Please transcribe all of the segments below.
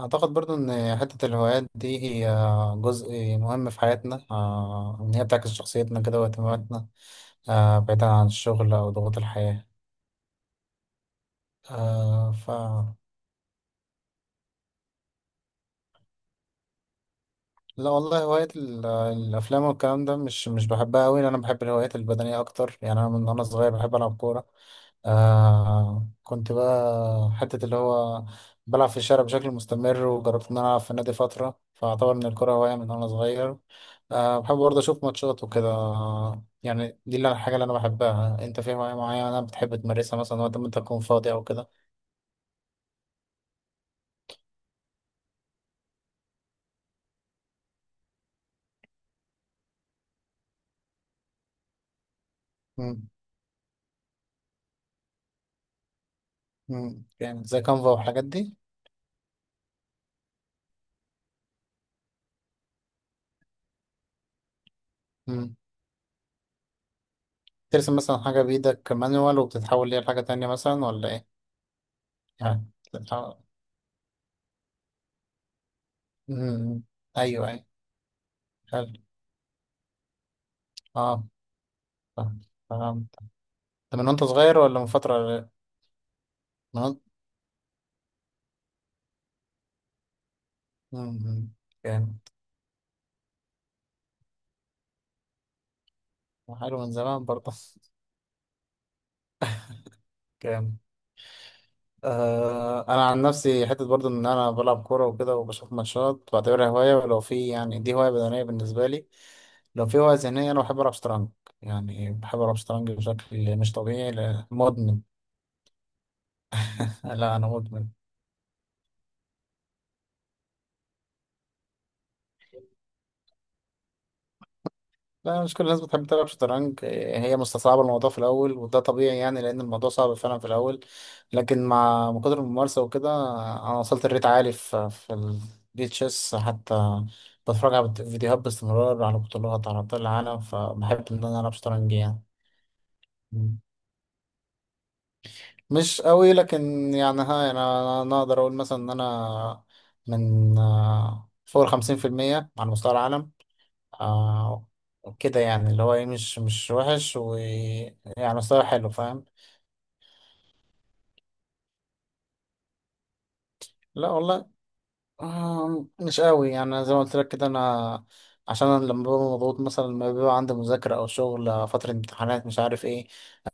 أعتقد برضو إن حتة الهوايات دي هي جزء مهم في حياتنا، إن هي بتعكس شخصيتنا كده واهتماماتنا، بعيدا عن الشغل أو ضغوط الحياة. آه، لا والله، هواية الأفلام والكلام ده مش بحبها أوي. أنا بحب الهوايات البدنية أكتر، يعني أنا من وأنا صغير بحب ألعب كورة. كنت بقى حتة اللي هو بلعب في الشارع بشكل مستمر، وجربت إن أنا ألعب في النادي فترة، فأعتبر إن الكورة هواية من وأنا صغير. بحب برضه أشوف ماتشات وكده، يعني دي الحاجة اللي أنا بحبها. أنت في هواية معينة بتحب تمارسها مثلا وقت ما أنت تكون فاضي أو كده؟ مم. يعني زي كانفا والحاجات دي؟ ترسم مثلا حاجة بإيدك مانوال وبتتحول ليها لحاجة تانية مثلا، ولا إيه؟ يعني بتتحول. أمم، أيوه، أيوه. حلو. أه فهمت، فهمت. ده من وأنت صغير ولا من فترة؟ من وأنت. أمم، جامد. حلو، من زمان برضه. جامد. أنا عن نفسي حتة برضه إن أنا بلعب كورة وكده وبشوف ماتشات بعتبرها هواية، ولو في يعني دي هواية بدنية بالنسبة لي. لو في هواية ذهنية، أنا بحب ألعب شطرنج، يعني بحب ألعب شطرنج بشكل مش طبيعي، مدمن. لا، أنا مدمن. لا، مش كل الناس بتحب تلعب شطرنج، إيه، هي مستصعبة الموضوع في الأول، وده طبيعي يعني، لأن الموضوع صعب فعلا في الأول. لكن مع كتر الممارسة وكده، أنا وصلت لريت عالي في البي تشيس حتى. بتفرج على فيديوهات باستمرار، على بطولات، على أبطال العالم، فبحب إن أنا ألعب شطرنج يعني. مم. مش قوي، لكن يعني ها، يعني أنا أقدر أقول مثلا إن أنا من، فوق 50% على مستوى العالم. آه كده يعني، اللي هو ايه، مش وحش، ويعني مستوى حلو، فاهم. لا والله. مش قوي، يعني زي ما قلت لك كده. انا عشان أنا لما ببقى مضغوط مثلا، لما بيبقى عندي مذاكرة أو شغل، فترة امتحانات، مش عارف ايه.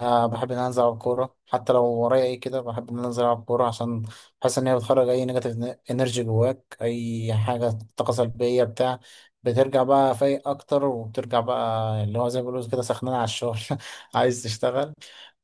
بحب إن أنا أنزل ألعب كورة، حتى لو ورايا ايه كده بحب إن أنا أنزل ألعب كورة، عشان بحس إن هي بتخرج أي نيجاتيف إنرجي جواك، أي حاجة، طاقة سلبية بتاع. بترجع بقى فايق أكتر، وبترجع بقى اللي هو زي ما بيقولوا كده سخنان على الشغل. عايز تشتغل.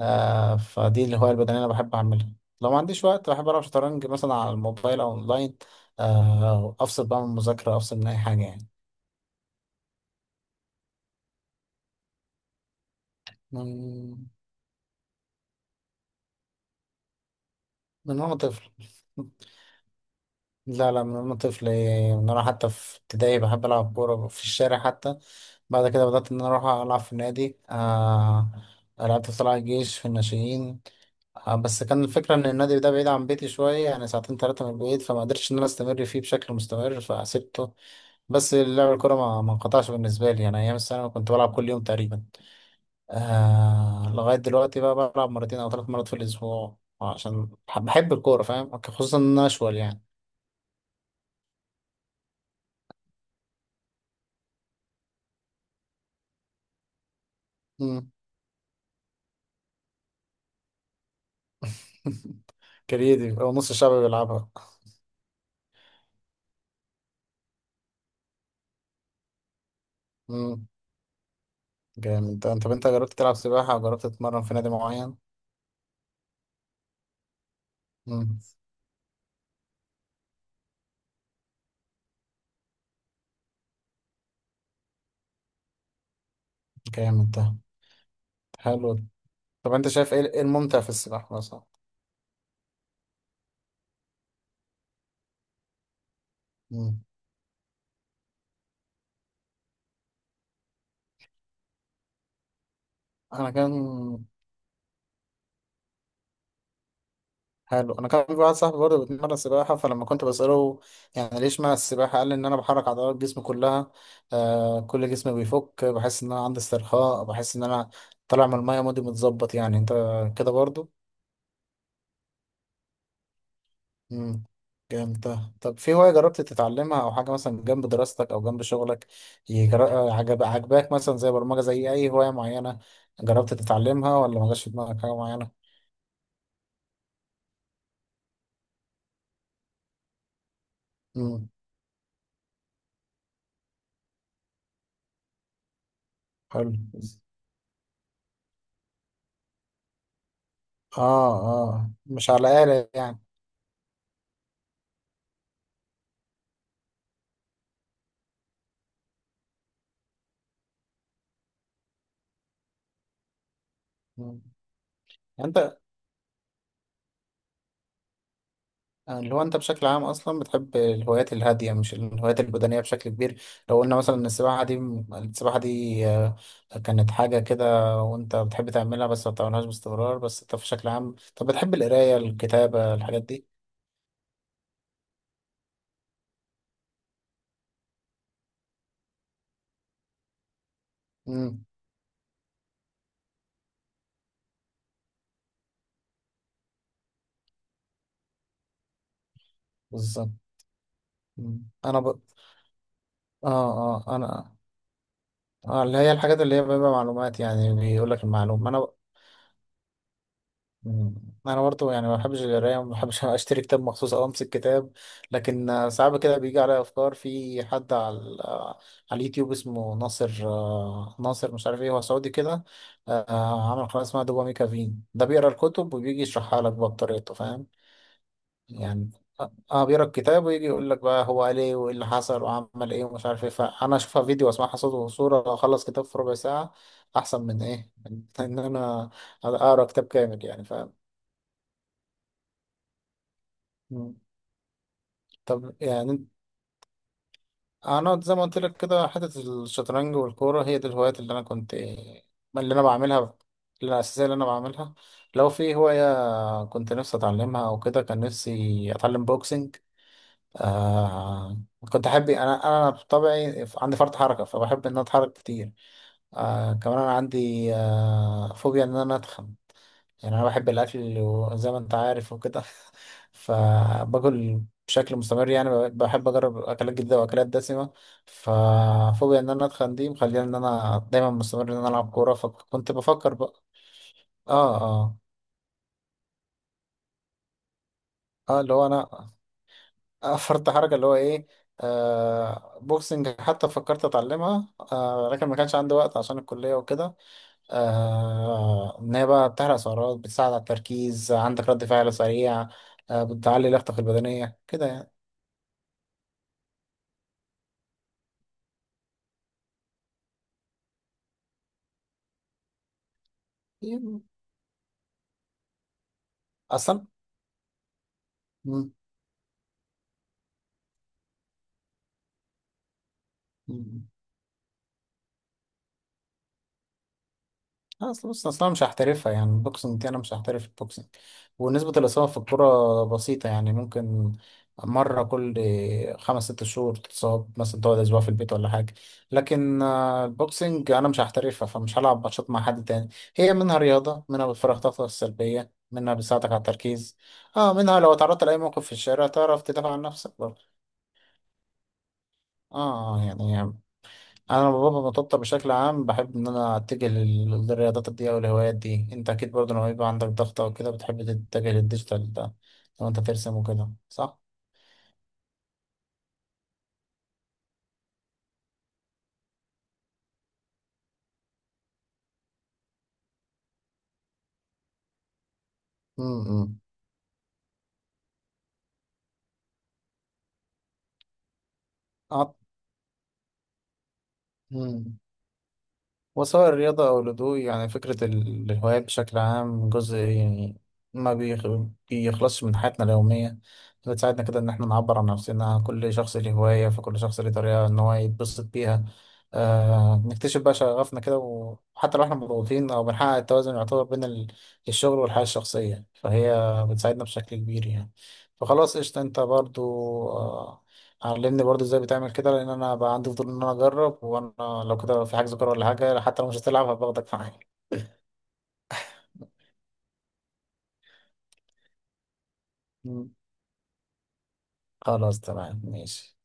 فدي الهواية البدنية أنا بحب أعملها. لو ما عنديش وقت، بحب ألعب شطرنج مثلا على الموبايل أو أونلاين. أفصل بقى من المذاكرة، أفصل من أي حاجة يعني. من وأنا طفل. لا، لا، من وأنا طفل، إيه، من وأنا حتى في ابتدائي بحب ألعب كورة في الشارع حتى. بعد كده بدأت إن أنا أروح ألعب في النادي. لعبت في طلائع الجيش في الناشئين، بس كان الفكرة إن النادي ده بعيد عن بيتي شوية، يعني ساعتين تلاتة من البيت، فما قدرتش إن أنا أستمر فيه بشكل مستمر فسبته. بس لعب الكورة ما انقطعش بالنسبة لي، أنا أيام الثانوي كنت بلعب كل يوم تقريبا. لغاية دلوقتي بقى بلعب مرتين أو 3 مرات في الأسبوع، عشان بحب الكورة، فاهم، خصوصا إن أنا أشول يعني. مم. كريدي، أو نص الشعب بيلعبها. مم. جامد ده. طب أنت جربت تلعب سباحة، أو جربت تتمرن في نادي معين؟ مم. جامد ده، حلو. طب انت شايف ايه، إيه الممتع في السباحة مثلا؟ مم. انا كان حلو، انا كان في واحد صاحبي برضه بيتمرن سباحة، فلما كنت بسأله يعني ليه اشمعنى السباحة، قال لي ان انا بحرك عضلات جسمي كلها. كل جسمي بيفك، بحس ان انا عندي استرخاء، بحس ان انا طالع من المية، مودي متظبط يعني، انت كده برضه؟ مم. جامد ده. طب في هواية جربت تتعلمها، أو حاجة مثلا جنب دراستك أو جنب شغلك، عجب عجباك مثلا، زي برمجة، زي أي هواية معينة جربت تتعلمها، ولا ما جاش في دماغك حاجة معينة؟ حلو. اه، اه مش على آلة يعني. مم. انت اللي هو انت بشكل عام اصلا بتحب الهوايات الهادية، مش الهوايات البدنية بشكل كبير. لو قلنا مثلا ان السباحة دي، السباحة دي آه، كانت حاجة كده وانت بتحب تعملها، بس ما بتعملهاش باستمرار، بس انت بشكل عام طب بتحب القراية، الكتابة، الحاجات دي؟ امم. بالظبط. مم. اه، اه، انا اه، اللي هي الحاجات اللي هي بيبقى معلومات يعني، بيقول لك المعلومة انا. مم. انا برضو يعني ما بحبش القرايه، ما بحبش اشتري كتاب مخصوص او امسك كتاب. لكن ساعات كده بيجي عليا افكار، في حد على على اليوتيوب اسمه ناصر، ناصر مش عارف ايه، هو سعودي كده. عمل قناه اسمها دوبامي كافين، ده بيقرا الكتب وبيجي يشرحها لك بقى بطريقته، فاهم. يعني اه. بيقرا الكتاب ويجي يقول لك بقى هو قال ايه، وايه اللي حصل، وعمل ايه، ومش عارف ايه، فانا اشوفها فيديو واسمعها صوت وصوره، اخلص كتاب في ربع ساعه، احسن من ايه، من ان انا اقرا كتاب كامل يعني، فاهم. مم. طب يعني انا زي ما قلت لك كده، حته الشطرنج والكوره، هي دي الهوايات اللي انا كنت، اللي انا بعملها، اللي أنا الاساسيه اللي انا بعملها. لو في هوايه كنت نفسي اتعلمها او كده، كان نفسي اتعلم بوكسنج. آه كنت احب، انا بطبعي عندي فرط حركه، فبحب ان انا اتحرك كتير. كمان انا عندي فوبيا ان انا اتخن، يعني انا بحب الاكل وزي ما انت عارف وكده. فباكل بشكل مستمر، يعني بحب اجرب اكلات جديده واكلات دسمه. ففوبيا ان انا اتخن دي مخليني ان انا دايما مستمر ان انا العب كوره، فكنت بفكر بقى. اه، اه، اه اللي هو انا. فرط حركه اللي هو ايه. بوكسنج حتى فكرت اتعلمها، لكن ما كانش عندي وقت عشان الكليه وكده. إن هي بقى بتحرق سعرات، بتساعد على التركيز، عندك رد فعل سريع، بتعلي لياقتك البدنية كده يعني. يعني أصلا. لا، اصل بص، اصلا مش هحترفها يعني البوكسنج دي، انا مش هحترف البوكسنج. ونسبة الإصابة في الكرة بسيطة يعني، ممكن مرة كل خمس ست شهور تتصاب مثلا، تقعد أسبوع في البيت ولا حاجة. لكن البوكسنج أنا مش هحترفها، فمش هلعب ماتشات مع حد تاني. هي منها رياضة، منها بتفرغ طاقتك السلبية، منها بتساعدك على التركيز. اه منها لو اتعرضت لأي موقف في الشارع، تعرف تدافع عن نفسك برضه. اه يعني، انا بابا بطبطب بشكل عام بحب ان انا اتجه للرياضات دي او الهوايات دي. انت اكيد برضه لما يبقى عندك ضغط او كده بتحب تتجه للديجيتال ده، لو انت ترسم وكده، صح؟ امم. أعت- مم. وسواء الرياضة أو الهدوء، يعني فكرة الهوايات بشكل عام جزء يعني ما بيخ- بيخلصش من حياتنا اليومية. بتساعدنا كده إن احنا نعبر عن نفسنا، كل شخص له هواية، فكل شخص له طريقة إن هو يتبسط بيها. نكتشف بقى شغفنا كده، وحتى لو احنا مضغوطين أو بنحقق التوازن يعتبر بين الشغل والحياة الشخصية، فهي بتساعدنا بشكل كبير يعني. فخلاص، قشطة، أنت برضو، آه، علمني برضو ازاي بتعمل كده، لان انا بقى عندي فضول ان انا اجرب، وانا لو كده في حجز كوره ولا حاجه، حتى لو مش هتلعب هباخدك معايا. مم. خلاص، تمام، ماشي.